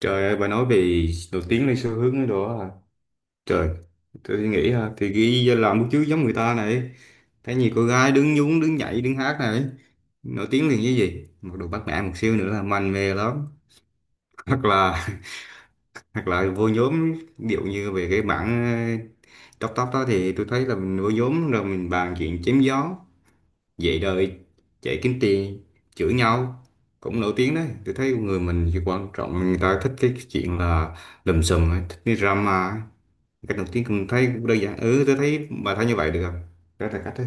Trời ơi, bà nói về nổi tiếng lên xu hướng đó à. Trời, tôi nghĩ ha, thì ghi ra làm một chứ giống người ta này. Thấy nhiều cô gái đứng nhún, đứng nhảy, đứng hát này. Nổi tiếng liền với gì? Một đồ bắt nạt một xíu nữa là manh mê lắm. Hoặc là hoặc là vô nhóm, ví dụ như về cái bản tóc tóc đó thì tôi thấy là mình vô nhóm rồi mình bàn chuyện chém gió, vậy đời chạy kiếm tiền chửi nhau cũng nổi tiếng đấy. Tôi thấy con người mình chỉ quan trọng người ta thích cái chuyện là lùm xùm ấy, thích cái drama ấy. Cách đầu tiên cũng thấy cũng đơn giản, ừ, tôi thấy bà thấy như vậy được không? Đó là cách đấy.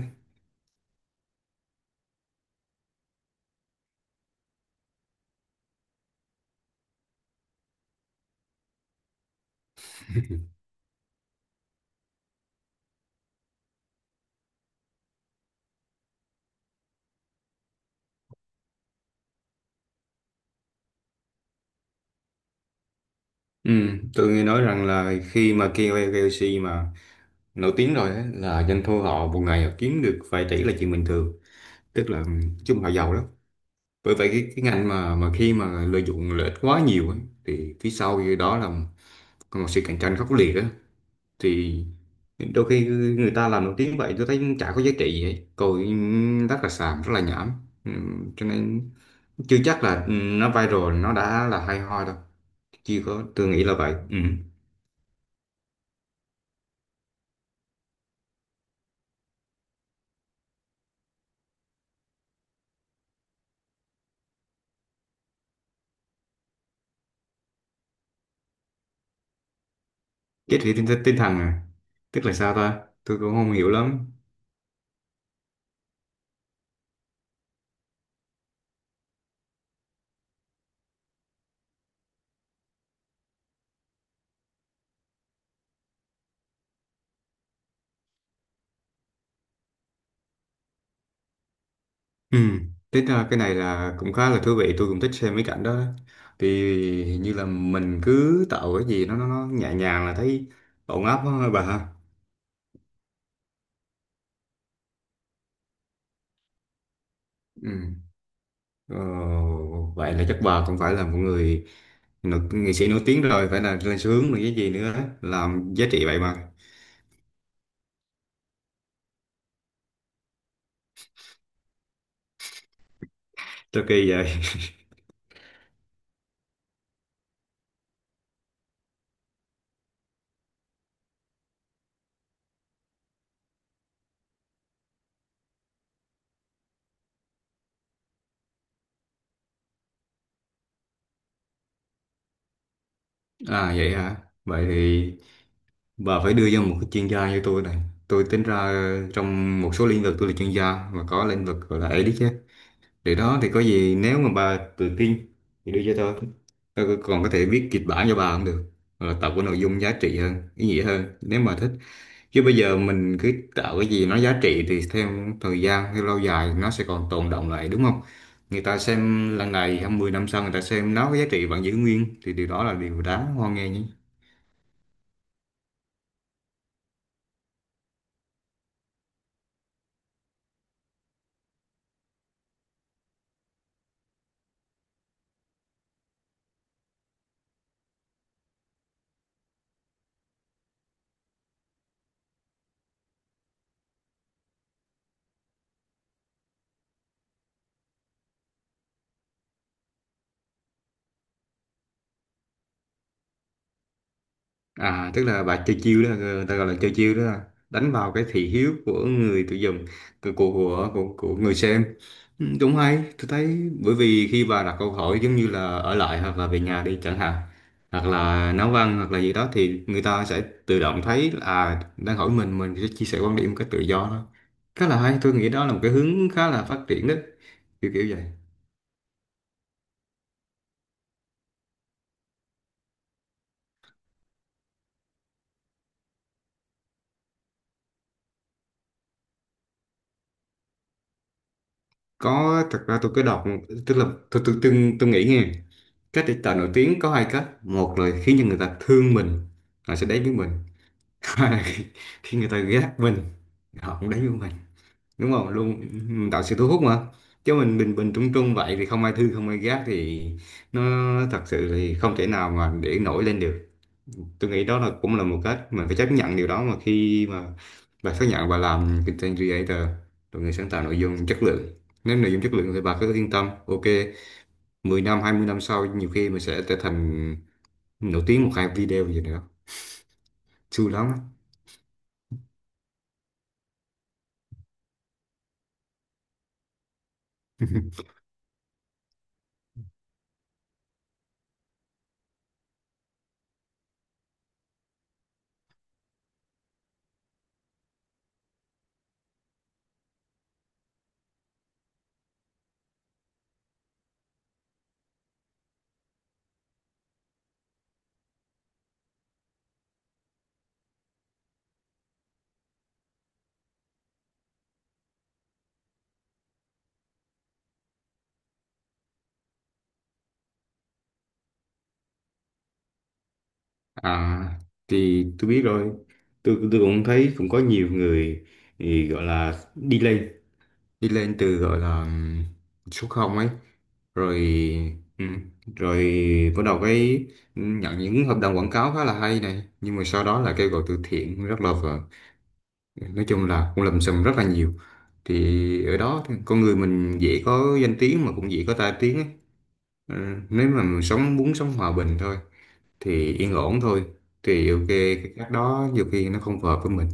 Ừ, tôi nghe nói rằng là khi mà KOL KOC mà nổi tiếng rồi ấy, là doanh thu họ một ngày họ kiếm được vài tỷ là chuyện bình thường, tức là chung họ giàu lắm. Bởi vậy cái ngành mà khi mà lợi dụng lợi ích quá nhiều ấy, thì phía sau đó là một sự cạnh tranh khốc liệt đó. Thì đôi khi người ta làm nổi tiếng vậy tôi thấy chả có giá trị gì hết coi, rất là xàm rất là nhảm. Cho nên chưa chắc là nó viral nó đã là hay ho đâu, chưa có, tôi nghĩ là vậy. Ừ. Cái thì tinh thần à? Tức là sao ta, tôi cũng không hiểu lắm. Ừ, thế ra cái này là cũng khá là thú vị, tôi cũng thích xem mấy cảnh đó. Thì hình như là mình cứ tạo cái gì nó nhẹ nhàng là thấy ổn áp quá hả bà ha. Ừ. Ờ, vậy là chắc bà cũng phải là một người nghệ sĩ nổi tiếng rồi, phải là lên sướng rồi cái gì nữa, làm giá trị vậy mà. Rất kỳ vậy. À vậy hả? Vậy thì bà phải đưa ra một cái chuyên gia như tôi này. Tôi tính ra trong một số lĩnh vực tôi là chuyên gia, mà có lĩnh vực gọi là ấy đấy chứ. Để đó thì có gì nếu mà bà tự tin thì đưa cho tôi còn có thể viết kịch bản cho bà cũng được, hoặc là tạo cái nội dung giá trị hơn ý nghĩa hơn nếu mà thích. Chứ bây giờ mình cứ tạo cái gì nó giá trị thì theo thời gian theo lâu dài nó sẽ còn tồn đọng lại đúng không? Người ta xem lần này 20 năm sau người ta xem nó cái giá trị vẫn giữ nguyên thì điều đó là điều đáng hoan nghênh nhé. À, tức là bà chơi chiêu đó, người ta gọi là chơi chiêu đó, đánh vào cái thị hiếu của người tiêu dùng, của người xem. Ừ, đúng hay, tôi thấy bởi vì khi bà đặt câu hỏi giống như là ở lại hoặc là về nhà đi chẳng hạn, hoặc là nấu ăn hoặc là gì đó thì người ta sẽ tự động thấy là à, đang hỏi mình sẽ chia sẻ quan điểm một cách tự do đó. Khá là hay, tôi nghĩ đó là một cái hướng khá là phát triển đó, kiểu kiểu vậy. Có, thật ra tôi có tức là tôi nghĩ nghe cách để tạo nổi tiếng có hai cách: một là khiến cho người ta thương mình, họ sẽ đến với mình. Hai là khi khi người ta ghét mình họ cũng đến với mình, đúng không luôn, mình tạo sự thu hút mà. Chứ mình bình bình trung trung vậy thì không ai thương không ai ghét thì nó thật sự thì không thể nào mà để nổi lên được. Tôi nghĩ đó là cũng là một cách mình phải chấp nhận điều đó, mà khi mà bà xác nhận bà làm content creator rồi, người sáng tạo nội dung chất lượng, nếu nội dung chất lượng thì bà cứ yên tâm, ok, 10 năm 20 năm sau nhiều khi mình sẽ trở thành nổi tiếng một hai video gì nữa, xui lắm á. À thì tôi biết rồi, tôi cũng thấy cũng có nhiều người thì gọi là đi lên. Đi lên từ gọi là số không ấy, rồi ừm, rồi bắt đầu cái nhận những hợp đồng quảng cáo khá là hay này, nhưng mà sau đó là kêu gọi từ thiện rất là vợ, nói chung là cũng lầm xùm rất là nhiều. Thì ở đó thì con người mình dễ có danh tiếng mà cũng dễ có tai tiếng ấy. Ừ, nếu mà mình sống muốn sống hòa bình thôi thì yên ổn thôi, thì ok, cái cách đó nhiều khi nó không phù hợp với mình.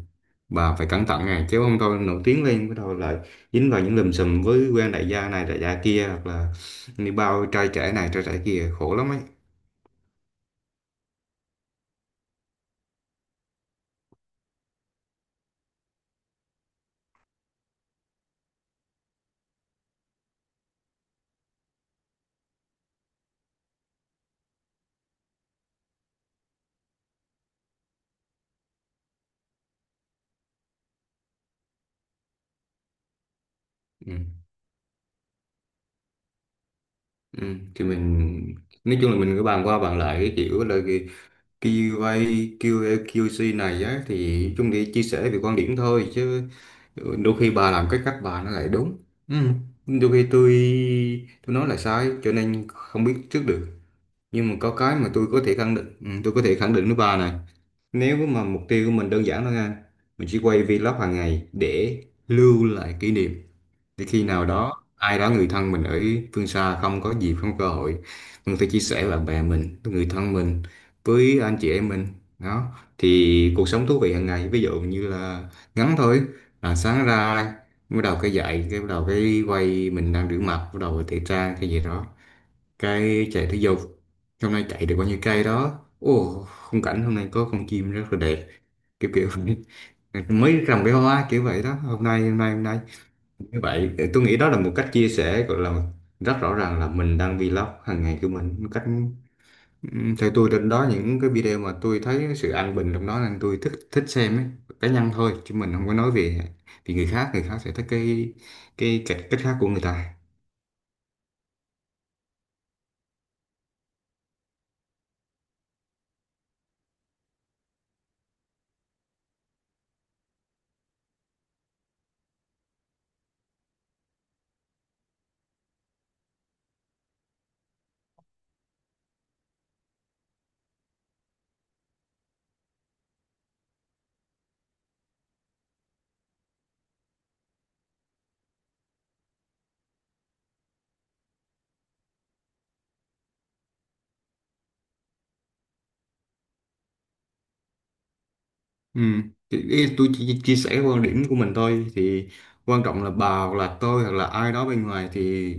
Bà phải cẩn thận này, chứ không thôi nổi tiếng lên bắt đầu lại dính vào những lùm xùm với quen đại gia này đại gia kia, hoặc là đi bao trai trẻ này trai trẻ kia khổ lắm ấy. Ừ. Ừ. Thì mình, nói chung là mình cứ bàn qua bàn lại cái kiểu là QA, QA, QC này á, thì chung để chia sẻ về quan điểm thôi, chứ đôi khi bà làm cái cách bà nó lại đúng. Ừ. Đôi khi tôi nói là sai, cho nên không biết trước được. Nhưng mà có cái mà tôi có thể khẳng định, ừ, tôi có thể khẳng định với bà này: nếu mà mục tiêu của mình đơn giản thôi nha, mình chỉ quay vlog hàng ngày để lưu lại kỷ niệm, để khi nào đó ai đó người thân mình ở phương xa không có dịp không có cơ hội, mình phải chia sẻ với bạn bè mình, với người thân mình, với anh chị em mình, đó, thì cuộc sống thú vị hàng ngày ví dụ như là ngắn thôi, là sáng ra bắt đầu cái dậy cái bắt đầu cái quay mình đang rửa mặt bắt đầu tẩy trang cái gì đó, cái chạy thể dục hôm nay chạy được bao nhiêu cây đó, ồ khung cảnh hôm nay có con chim rất là đẹp, kiểu kiểu vậy. Mới trồng cái hoa kiểu vậy đó, hôm nay như vậy thì tôi nghĩ đó là một cách chia sẻ gọi là rất rõ ràng là mình đang vlog hàng ngày của mình một cách theo tôi. Đến đó những cái video mà tôi thấy sự an bình trong đó nên tôi thích thích xem ấy, cá nhân thôi chứ mình không có nói về vì người khác. Người khác sẽ thích cái cách cách khác của người ta. Ừ. Thì ý- tôi chỉ chia sẻ quan điểm của mình thôi, thì quan trọng là bà hoặc là tôi hoặc là ai đó bên ngoài thì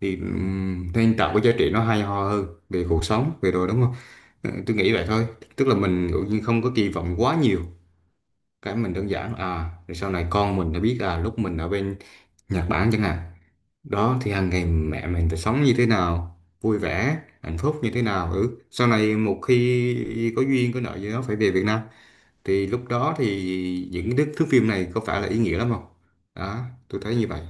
nên tạo cái giá trị nó hay ho hơn về cuộc sống về đồ, đúng không? Ờ, tôi nghĩ vậy thôi, tức là mình dụ như không có kỳ vọng quá nhiều, cái mình đơn giản à, rồi sau này con mình đã biết à lúc mình ở bên Nhật Bản chẳng hạn đó, thì hàng ngày mẹ mình phải sống như thế nào, vui vẻ hạnh phúc như thế nào, ừ, sau này một khi có duyên có nợ gì đó phải về Việt Nam thì lúc đó thì những cái thước phim này có phải là ý nghĩa lắm không? Đó tôi thấy như vậy.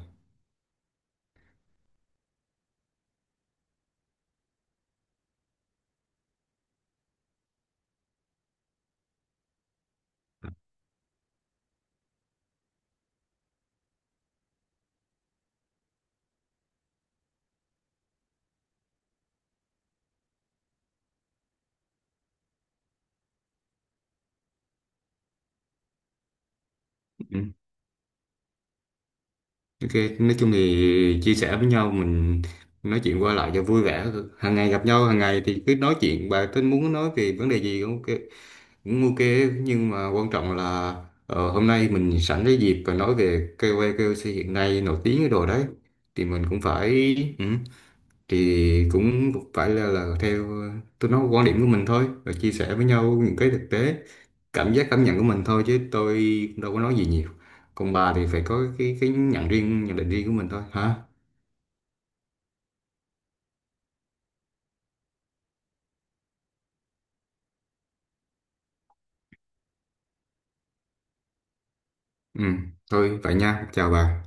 Ừ. Ok, nói chung thì chia sẻ với nhau mình nói chuyện qua lại cho vui vẻ, hàng ngày gặp nhau hàng ngày thì cứ nói chuyện bà tính muốn nói về vấn đề gì cũng ok, cũng ok. Nhưng mà quan trọng là hôm nay mình sẵn cái dịp và nói về KOL KOC hiện nay nổi tiếng cái đồ đấy, thì mình cũng phải, ừ, thì cũng phải là theo tôi nói quan điểm của mình thôi và chia sẻ với nhau những cái thực tế cảm giác cảm nhận của mình thôi, chứ tôi đâu có nói gì nhiều. Còn bà thì phải có cái nhận riêng nhận định riêng của mình thôi hả. Ừ, thôi vậy nha, chào bà.